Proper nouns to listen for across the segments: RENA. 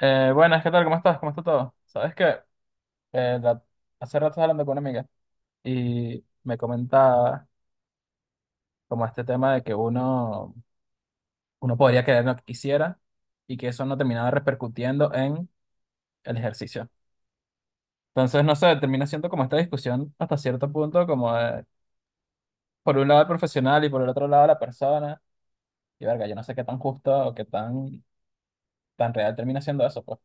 Buenas, ¿qué tal? ¿Cómo estás? ¿Cómo está todo? Sabes que eh, la- hace rato estaba hablando con una amiga y me comentaba como este tema de que uno podría querer lo que quisiera y que eso no terminaba repercutiendo en el ejercicio. Entonces, no sé, termina siendo como esta discusión hasta cierto punto, como de, por un lado el profesional y por el otro lado la persona. Y verga, yo no sé qué tan justo o qué tan real termina siendo eso, pues.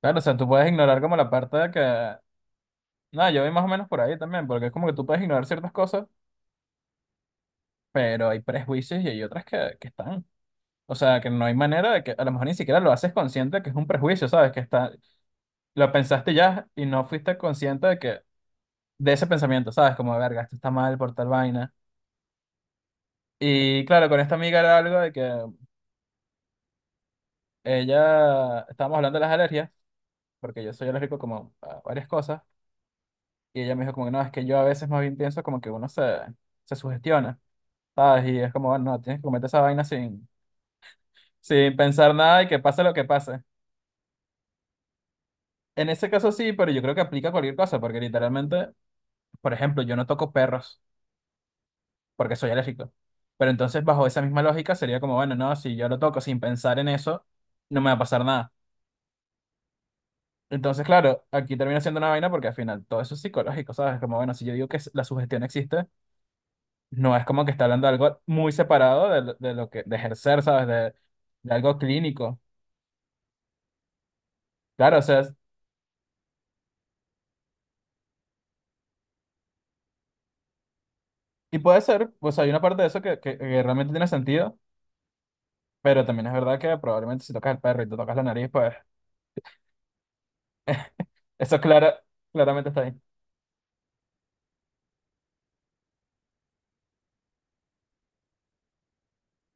Claro, o sea, tú puedes ignorar como la parte de que, nada, yo voy más o menos por ahí también, porque es como que tú puedes ignorar ciertas cosas pero hay prejuicios y hay otras que están. O sea, que no hay manera de que a lo mejor ni siquiera lo haces consciente que es un prejuicio, ¿sabes? Que está, lo pensaste ya y no fuiste consciente de que de ese pensamiento, ¿sabes? Como, verga, esto está mal por tal vaina. Y claro, con esta amiga era algo de que ella, estábamos hablando de las alergias, porque yo soy alérgico como a varias cosas, y ella me dijo como que no, es que yo a veces más bien pienso como que se sugestiona, ¿sabes? Y es como, bueno, no, tienes que cometer esa vaina sin pensar nada y que pase lo que pase. En ese caso sí, pero yo creo que aplica a cualquier cosa, porque literalmente, por ejemplo, yo no toco perros porque soy alérgico. Pero entonces, bajo esa misma lógica, sería como, bueno, no, si yo lo toco sin pensar en eso, no me va a pasar nada. Entonces, claro, aquí termina siendo una vaina porque al final todo eso es psicológico, ¿sabes? Como, bueno, si yo digo que la sugestión existe, no es como que está hablando de algo muy separado de, de ejercer, ¿sabes? De algo clínico. Claro, o sea, y puede ser, pues hay una parte de eso que realmente tiene sentido. Pero también es verdad que probablemente si tocas el perro y te tocas la nariz, pues Eso clara, claramente está ahí.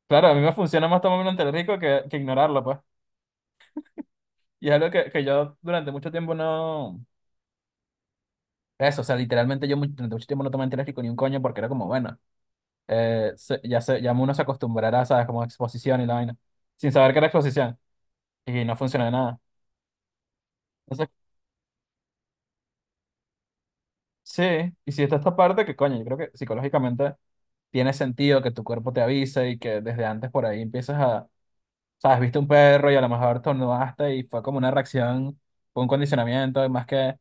Claro, a mí me funciona más tomarme un antialérgico que ignorarlo, pues. Y es algo que yo durante mucho tiempo no... Eso, o sea, literalmente durante mucho tiempo no tomé antialérgico ni un coño porque era como, bueno, ya uno se acostumbrará, ¿sabes? Como exposición y la vaina. Sin saber que era exposición. Y no funciona de nada. Entonces, sí, y si está esta parte, que coño, yo creo que psicológicamente tiene sentido que tu cuerpo te avise y que desde antes por ahí empiezas a sabes, viste un perro y a lo mejor tornudaste y fue como una reacción, fue un condicionamiento,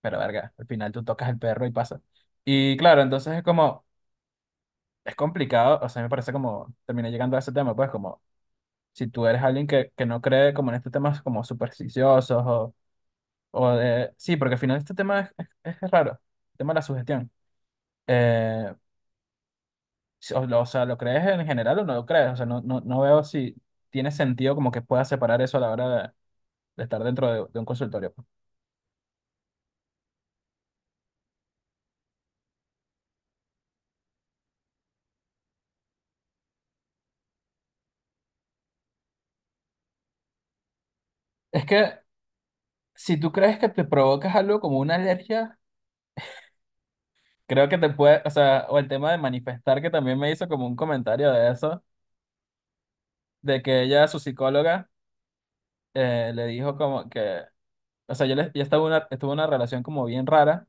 pero verga, al final tú tocas el perro y pasa. Y claro, entonces es como, es complicado, o sea, me parece como, terminé llegando a ese tema, pues como, si tú eres alguien que no cree como en estos temas como supersticiosos o de, sí, porque al final este tema es raro, el tema de la sugestión. Eh, o sea, ¿lo crees en general o no lo crees? O sea, no, no veo si tiene sentido como que puedas separar eso a la hora de estar dentro de un consultorio pues. Es que si tú crees que te provocas algo como una alergia, creo que te puede, o sea, o el tema de manifestar, que también me hizo como un comentario de eso, de que ella, su psicóloga, le dijo como que, o sea, ella estuvo en una relación como bien rara,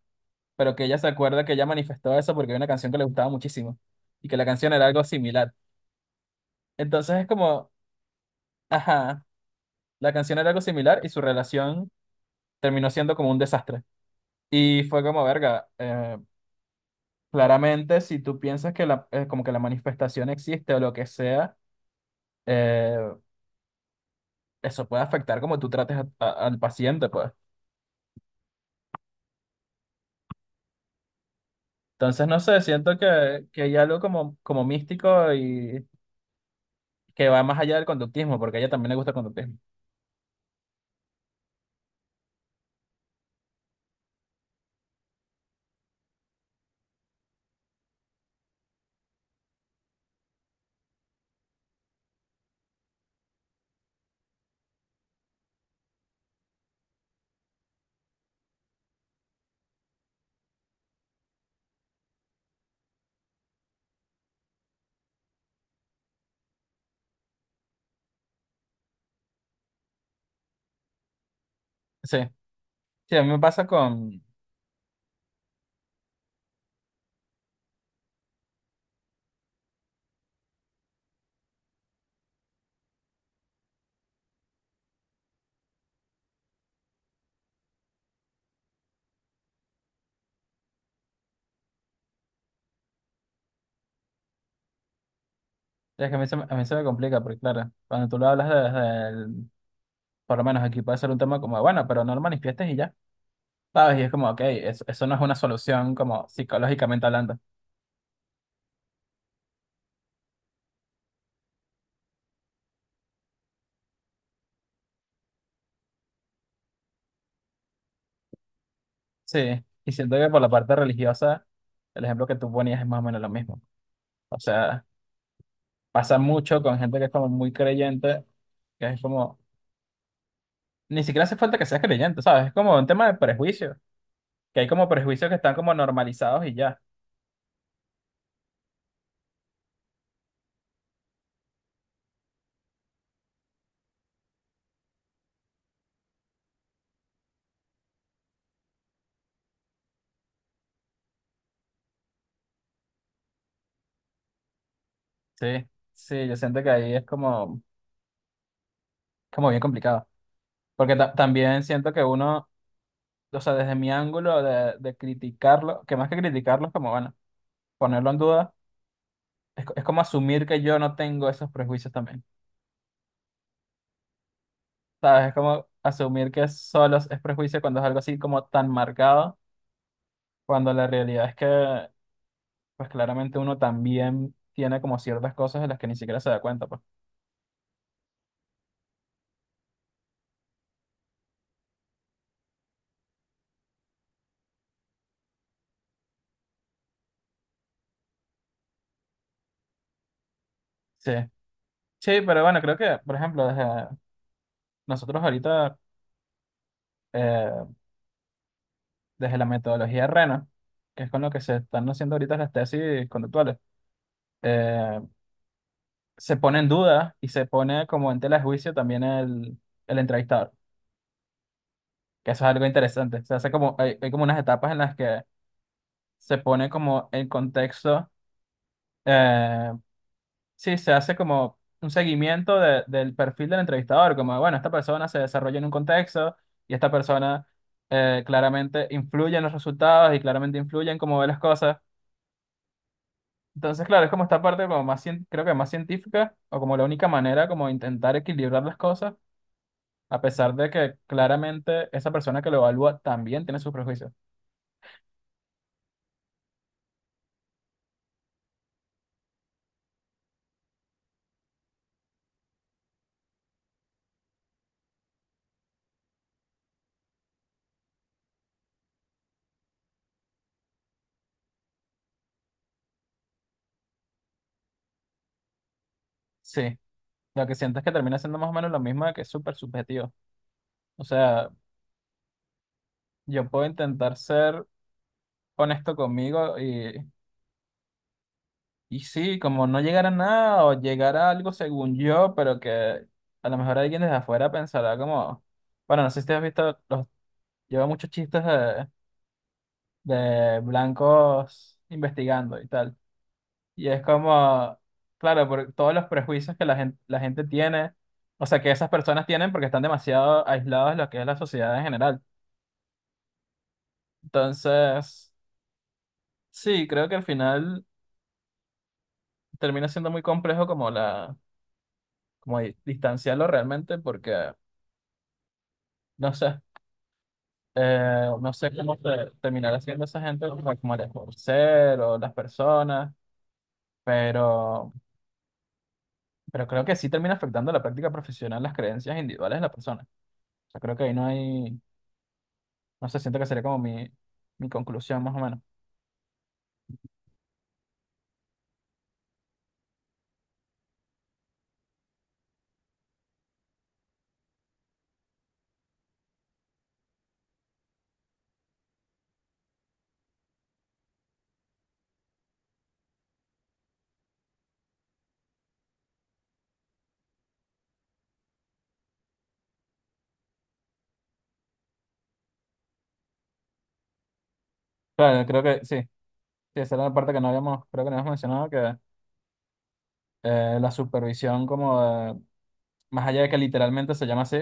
pero que ella se acuerda que ella manifestó eso porque había una canción que le gustaba muchísimo y que la canción era algo similar. Entonces es como, ajá, la canción era algo similar y su relación terminó siendo como un desastre. Y fue como, verga. Claramente, si tú piensas que como que la manifestación existe o lo que sea, eh, eso puede afectar como tú trates al paciente, pues. Entonces, no sé, siento que hay algo como, como místico y que va más allá del conductismo, porque a ella también le gusta el conductismo. Sí, sí, a mí me pasa con... Es que a mí a mí se me complica, porque claro, cuando tú lo hablas por lo menos aquí puede ser un tema como, bueno, pero no lo manifiestes y ya, ¿sabes? Y es como, ok, eso no es una solución como psicológicamente hablando. Sí, y siento que por la parte religiosa, el ejemplo que tú ponías es más o menos lo mismo. O sea, pasa mucho con gente que es como muy creyente, que es como, ni siquiera hace falta que seas creyente, ¿sabes? Es como un tema de prejuicio, que hay como prejuicios que están como normalizados y ya. Sí, sí, yo siento que ahí es como, como bien complicado. Porque también siento que uno, o sea, desde mi ángulo de criticarlo, que más que criticarlo es como, bueno, ponerlo en duda, es como asumir que yo no tengo esos prejuicios también. ¿Sabes? Es como asumir que solo es prejuicio cuando es algo así como tan marcado, cuando la realidad es que, pues claramente uno también tiene como ciertas cosas de las que ni siquiera se da cuenta, pues. Sí. Sí, pero bueno, creo que, por ejemplo, desde nosotros ahorita, eh, desde la metodología RENA, que es con lo que se están haciendo ahorita las tesis conductuales, eh, se pone en duda y se pone como en tela de juicio también el entrevistador, que eso es algo interesante. Se hace como, hay como unas etapas en las que se pone como el contexto, eh, sí, se hace como un seguimiento del perfil del entrevistador, como, bueno, esta persona se desarrolla en un contexto y esta persona claramente influye en los resultados y claramente influye en cómo ve las cosas. Entonces, claro, es como esta parte como más, creo que más científica o como la única manera como de intentar equilibrar las cosas, a pesar de que claramente esa persona que lo evalúa también tiene sus prejuicios. Sí, lo que siento es que termina siendo más o menos lo mismo de que es súper subjetivo. O sea, yo puedo intentar ser honesto conmigo y sí, como no llegar a nada o llegar a algo según yo, pero que a lo mejor alguien desde afuera pensará como, bueno, no sé si te has visto, los, lleva muchos chistes de blancos investigando y tal. Y es como, claro, por todos los prejuicios que la gente tiene, o sea, que esas personas tienen porque están demasiado aislados de lo que es la sociedad en general. Entonces, sí, creo que al final termina siendo muy complejo como la como distanciarlo realmente porque, no sé, no sé cómo terminará haciendo esa gente, como, como el escorsel o las personas, pero, pero creo que sí termina afectando la práctica profesional, las creencias individuales de la persona. O sea, creo que ahí no hay, no sé, siento que sería como mi conclusión más o menos. Claro, creo que sí. Sí, esa era la parte que no habíamos, creo que no habíamos mencionado, que la supervisión como más allá de que literalmente se llama así,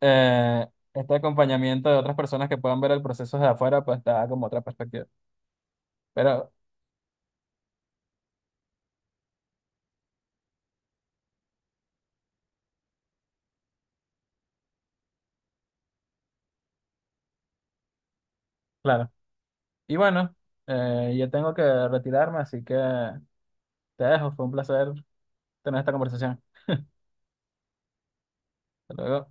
eh, este acompañamiento de otras personas que puedan ver el proceso desde afuera, pues te da como otra perspectiva. Pero, claro. Y bueno, yo tengo que retirarme, así que te dejo. Fue un placer tener esta conversación. Hasta luego.